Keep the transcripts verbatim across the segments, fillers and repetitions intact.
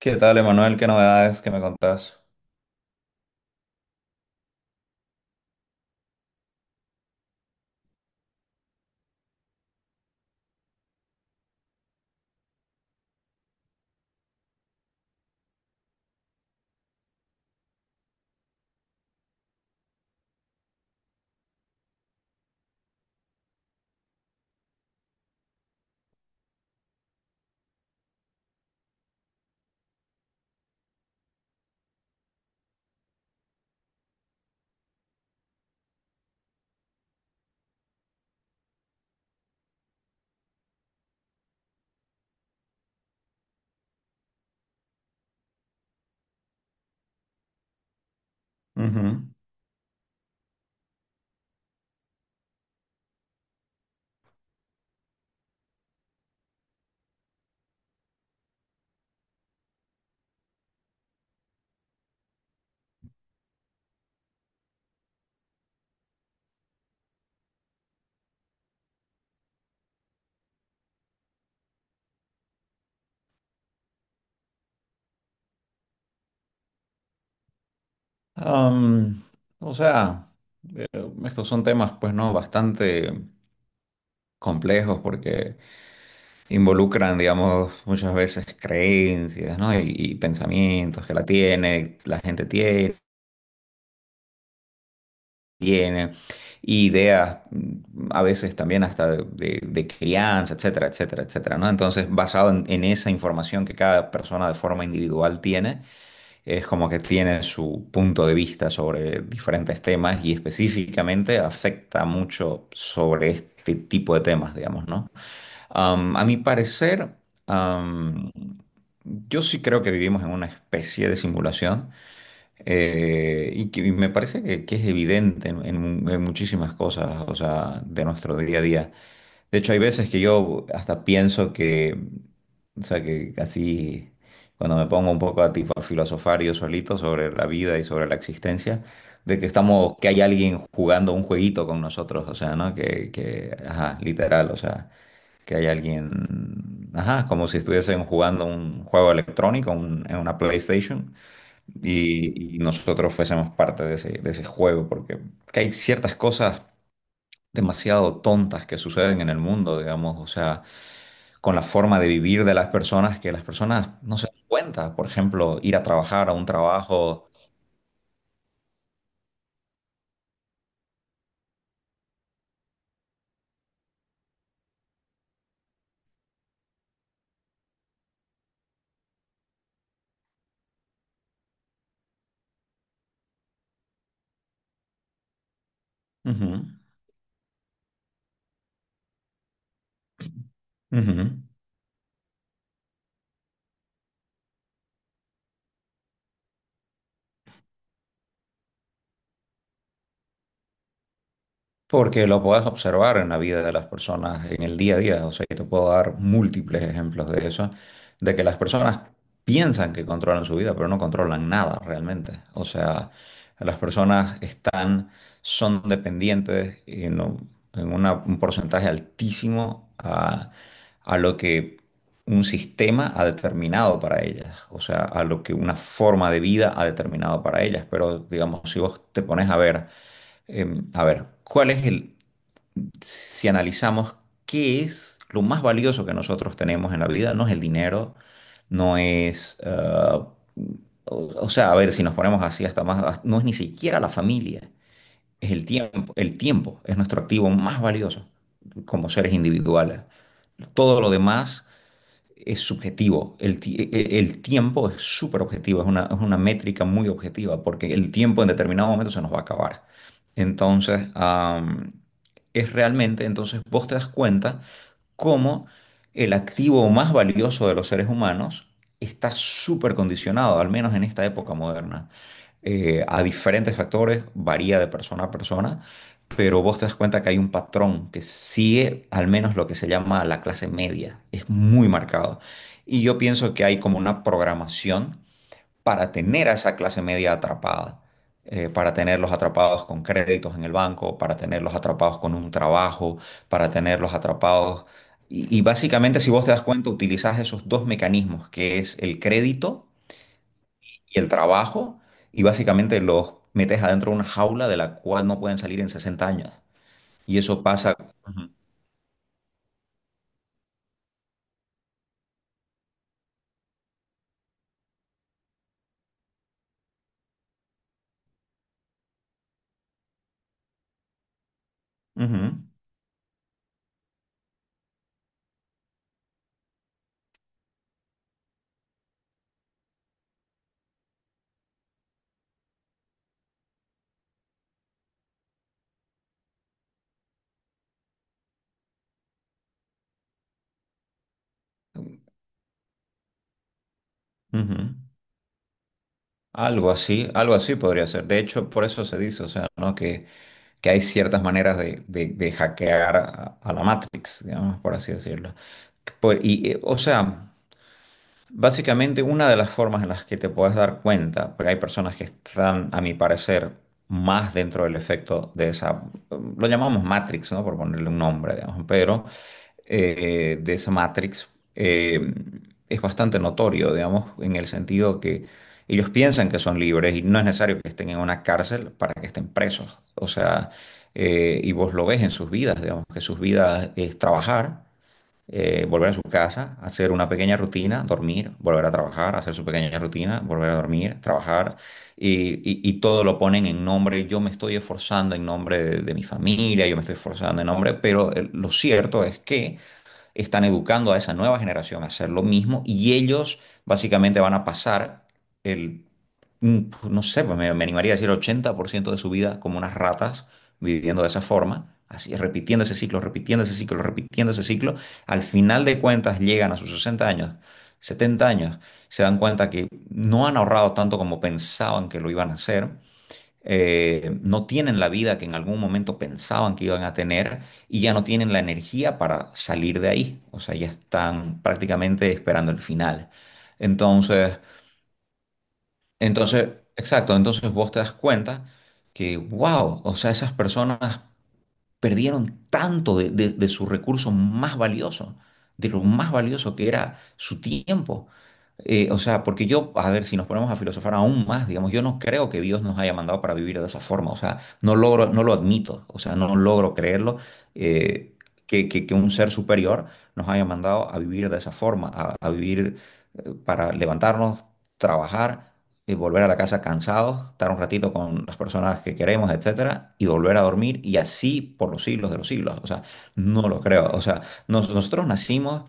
¿Qué tal, Emanuel? ¿Qué novedades que me contás? Ujú. Am, o sea, eh, estos son temas, pues, ¿no? Bastante complejos porque involucran, digamos, muchas veces creencias, ¿no? Y, y pensamientos que la tiene, la gente tiene, tiene, y ideas, mm, a veces también hasta de, de- de crianza, etcétera, etcétera, etcétera, ¿no? Entonces, basado en en esa información que cada persona de forma individual tiene. Es como que tiene su punto de vista sobre diferentes temas y específicamente afecta mucho sobre este tipo de temas, digamos, ¿no? Am, a mi parecer, am, yo sí creo que vivimos en una especie de simulación. Eh, y que y me parece que, que es evidente en, en- en muchísimas cosas, o sea, de nuestro día a día. De hecho, hay veces que yo hasta pienso que, o sea, que así, cuando me pongo un poco a tipo a filosofar yo solito sobre la vida y sobre la existencia, de que estamos, que hay alguien jugando un jueguito con nosotros, o sea, ¿no? Que, que, ajá, literal, o sea, que hay alguien, ajá, como si estuviesen jugando un juego electrónico, un- en una PlayStation, y, y nosotros fuésemos parte de ese, de ese juego, porque que hay ciertas cosas demasiado tontas que suceden en el mundo, digamos, o sea, con la forma de vivir de las personas que las personas no se dan cuenta, por ejemplo, ir a trabajar a un trabajo. Ujú, ujú. Porque lo puedes observar en la vida de las personas, en el día a día. O sea, yo te puedo dar múltiples ejemplos de eso, de que las personas piensan que controlan su vida, pero no controlan nada realmente. O sea, las personas están, son dependientes en, un en una- un porcentaje altísimo a, a lo que un sistema ha determinado para ellas. O sea, a lo que una forma de vida ha determinado para ellas. Pero, digamos, si vos te pones a ver. Em, a ver, ¿cuál es el, si analizamos qué es lo más valioso que nosotros tenemos en la vida? No es el dinero, no es, ah, o, o sea, a ver, si nos ponemos así hasta más, no es ni siquiera la familia, es el tiempo. El tiempo es nuestro activo más valioso como seres individuales. Todo lo demás es subjetivo. El, ti- e- e, el tiempo es súper objetivo, es una, es una métrica muy objetiva, porque el tiempo en determinado momento se nos va a acabar. Entonces, am, es realmente, entonces vos te das cuenta cómo el activo más valioso de los seres humanos está súper condicionado, al menos en esta época moderna, eh, a diferentes factores, varía de persona a persona. Pero vos te das cuenta que hay un patrón que sigue al menos lo que se llama la clase media, es muy marcado. Y yo pienso que hay como una programación para tener a esa clase media atrapada, eh, para tenerlos atrapados con créditos en el banco, para tenerlos atrapados con un trabajo, para tenerlos atrapados. Y, y básicamente, si vos te das cuenta, utilizás esos dos mecanismos, que es el crédito y el trabajo, y básicamente los metes adentro de una jaula de la cual no pueden salir en sesenta años. Y eso pasa. Ujú, ujú, ujú. Algo así, algo así podría ser. De hecho, por eso se dice, o sea, ¿no? Que, que hay ciertas maneras de, de- de hackear a, a la Matrix, digamos, por así decirlo. Por- y, eh, o sea, básicamente una de las formas en las que te puedes dar cuenta, porque hay personas que están, a mi parecer, más dentro del efecto de esa, lo llamamos Matrix, ¿no? Por ponerle un nombre, digamos, pero eh, de esa Matrix eh, es bastante notorio, digamos, en el sentido que ellos piensan que son libres y no es necesario que estén en una cárcel para que estén presos. O sea, eh, y vos lo ves en sus vidas, digamos, que sus vidas es trabajar, eh, volver a su casa, hacer una pequeña rutina, dormir, volver a trabajar, hacer su pequeña rutina, volver a dormir, trabajar y, y- y todo lo ponen en nombre, yo me estoy esforzando en nombre de, de mi familia, yo me estoy esforzando en nombre, pero eh, lo cierto es que están educando a esa nueva generación a hacer lo mismo y ellos básicamente van a pasar el, mm, no sé, pues me, me animaría a decir ochenta por ciento de su vida como unas ratas viviendo de esa forma. Así, repitiendo ese ciclo, repitiendo ese ciclo, repitiendo ese ciclo, al final de cuentas llegan a sus sesenta años, setenta años, se dan cuenta que no han ahorrado tanto como pensaban que lo iban a hacer. Eh, no tienen la vida que en algún momento pensaban que iban a tener y ya no tienen la energía para salir de ahí. O sea, ya están prácticamente esperando el final. Entonces, entonces, exacto, entonces vos te das cuenta que, wow, o sea, esas personas perdieron tanto de, de- de su recurso más valioso, de lo más valioso que era su tiempo. Eh, o sea, porque yo, a ver, si nos ponemos a filosofar aún más, digamos, yo no creo que Dios nos haya mandado para vivir de esa forma, o sea, no logro, no lo admito, o sea, no logro creerlo, eh, que, que- que un ser superior nos haya mandado a vivir de esa forma, a, a vivir eh, para levantarnos, trabajar, y volver a la casa cansados, estar un ratito con las personas que queremos, etcétera, y volver a dormir, y así por los siglos de los siglos. O sea, no lo creo. O sea, nos- nosotros nacimos,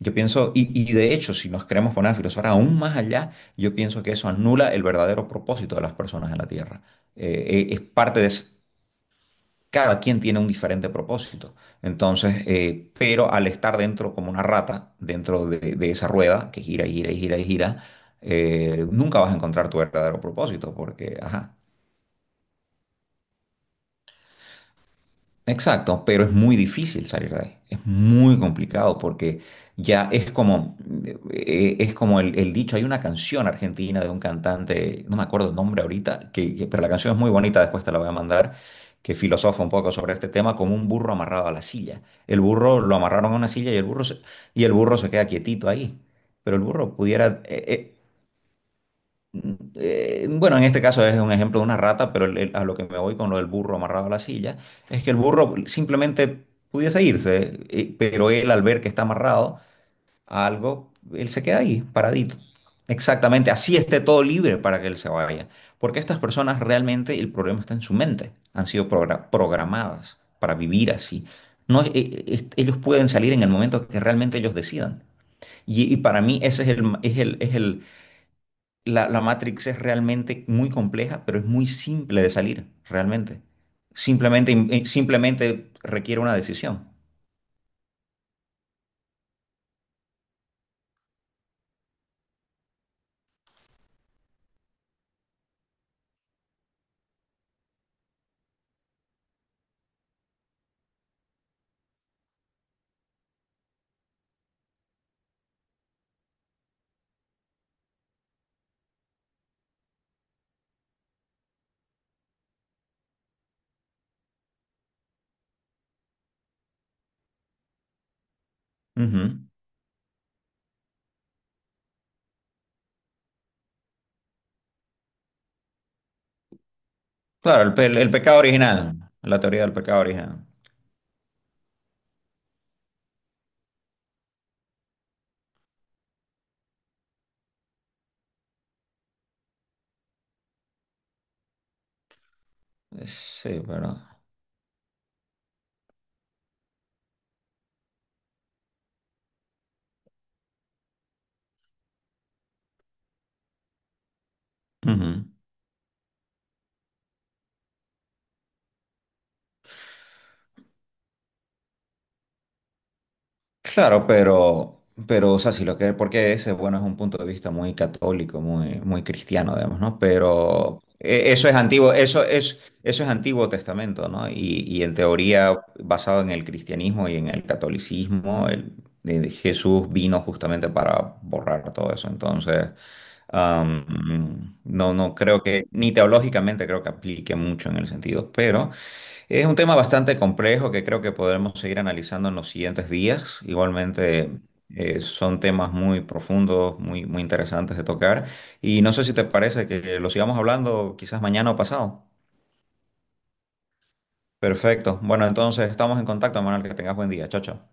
yo pienso, y, y de hecho, si nos queremos poner a filosofar aún más allá, yo pienso que eso anula el verdadero propósito de las personas en la Tierra. Eh, eh, es parte de, ese- Cada quien tiene un diferente propósito. Entonces, eh, pero al estar dentro como una rata, dentro de, de esa rueda que gira y gira y gira y gira, eh, nunca vas a encontrar tu verdadero propósito porque, ajá. Exacto, pero es muy difícil salir de ahí. Es muy complicado porque ya es como, eh, eh, es como el, el dicho, hay una canción argentina de un cantante, no me acuerdo el nombre ahorita, que, que- pero la canción es muy bonita, después te la voy a mandar, que filosofa un poco sobre este tema, como un burro amarrado a la silla. El burro lo amarraron a una silla y el burro se, y el burro se queda quietito ahí, pero el burro pudiera, eh, eh, eh, bueno, en este caso es un ejemplo de una rata, pero el- el- a lo que me voy con lo del burro amarrado a la silla, es que el burro simplemente pudiese irse, eh, pero él al ver que está amarrado a algo, él se queda ahí, paradito. Exactamente, así esté todo libre para que él se vaya. Porque estas personas realmente el problema está en su mente, han sido progra- programadas para vivir así. No, eh, eh, es- ellos pueden salir en el momento que realmente ellos decidan. Y, y para mí ese es el, ma- es el, es el, la, la Matrix es realmente muy compleja, pero es muy simple de salir, realmente. Simplemente, im- simplemente requiere una decisión. Ujú. Claro, el, pe- el pecado original, la teoría del pecado original. Sí, pero... ujú. Claro, pero, pero, o sea, si lo que, porque ese, bueno, es un punto de vista muy católico, muy, muy cristiano, digamos, ¿no? Pero eh, eso es antiguo, eso es, eso es Antiguo Testamento, ¿no? Y, y en teoría, basado en el cristianismo y en el catolicismo, el- de- Jesús vino justamente para borrar todo eso. Entonces, am, no, no creo que, ni teológicamente creo que aplique mucho en el sentido, pero es un tema bastante complejo que creo que podremos seguir analizando en los siguientes días. Igualmente, eh, son temas muy profundos, muy, muy interesantes de tocar. Y no sé si te parece que lo sigamos hablando quizás mañana o pasado. Perfecto. Bueno, entonces estamos en contacto, Manuel. Que tengas buen día. Chao, chao.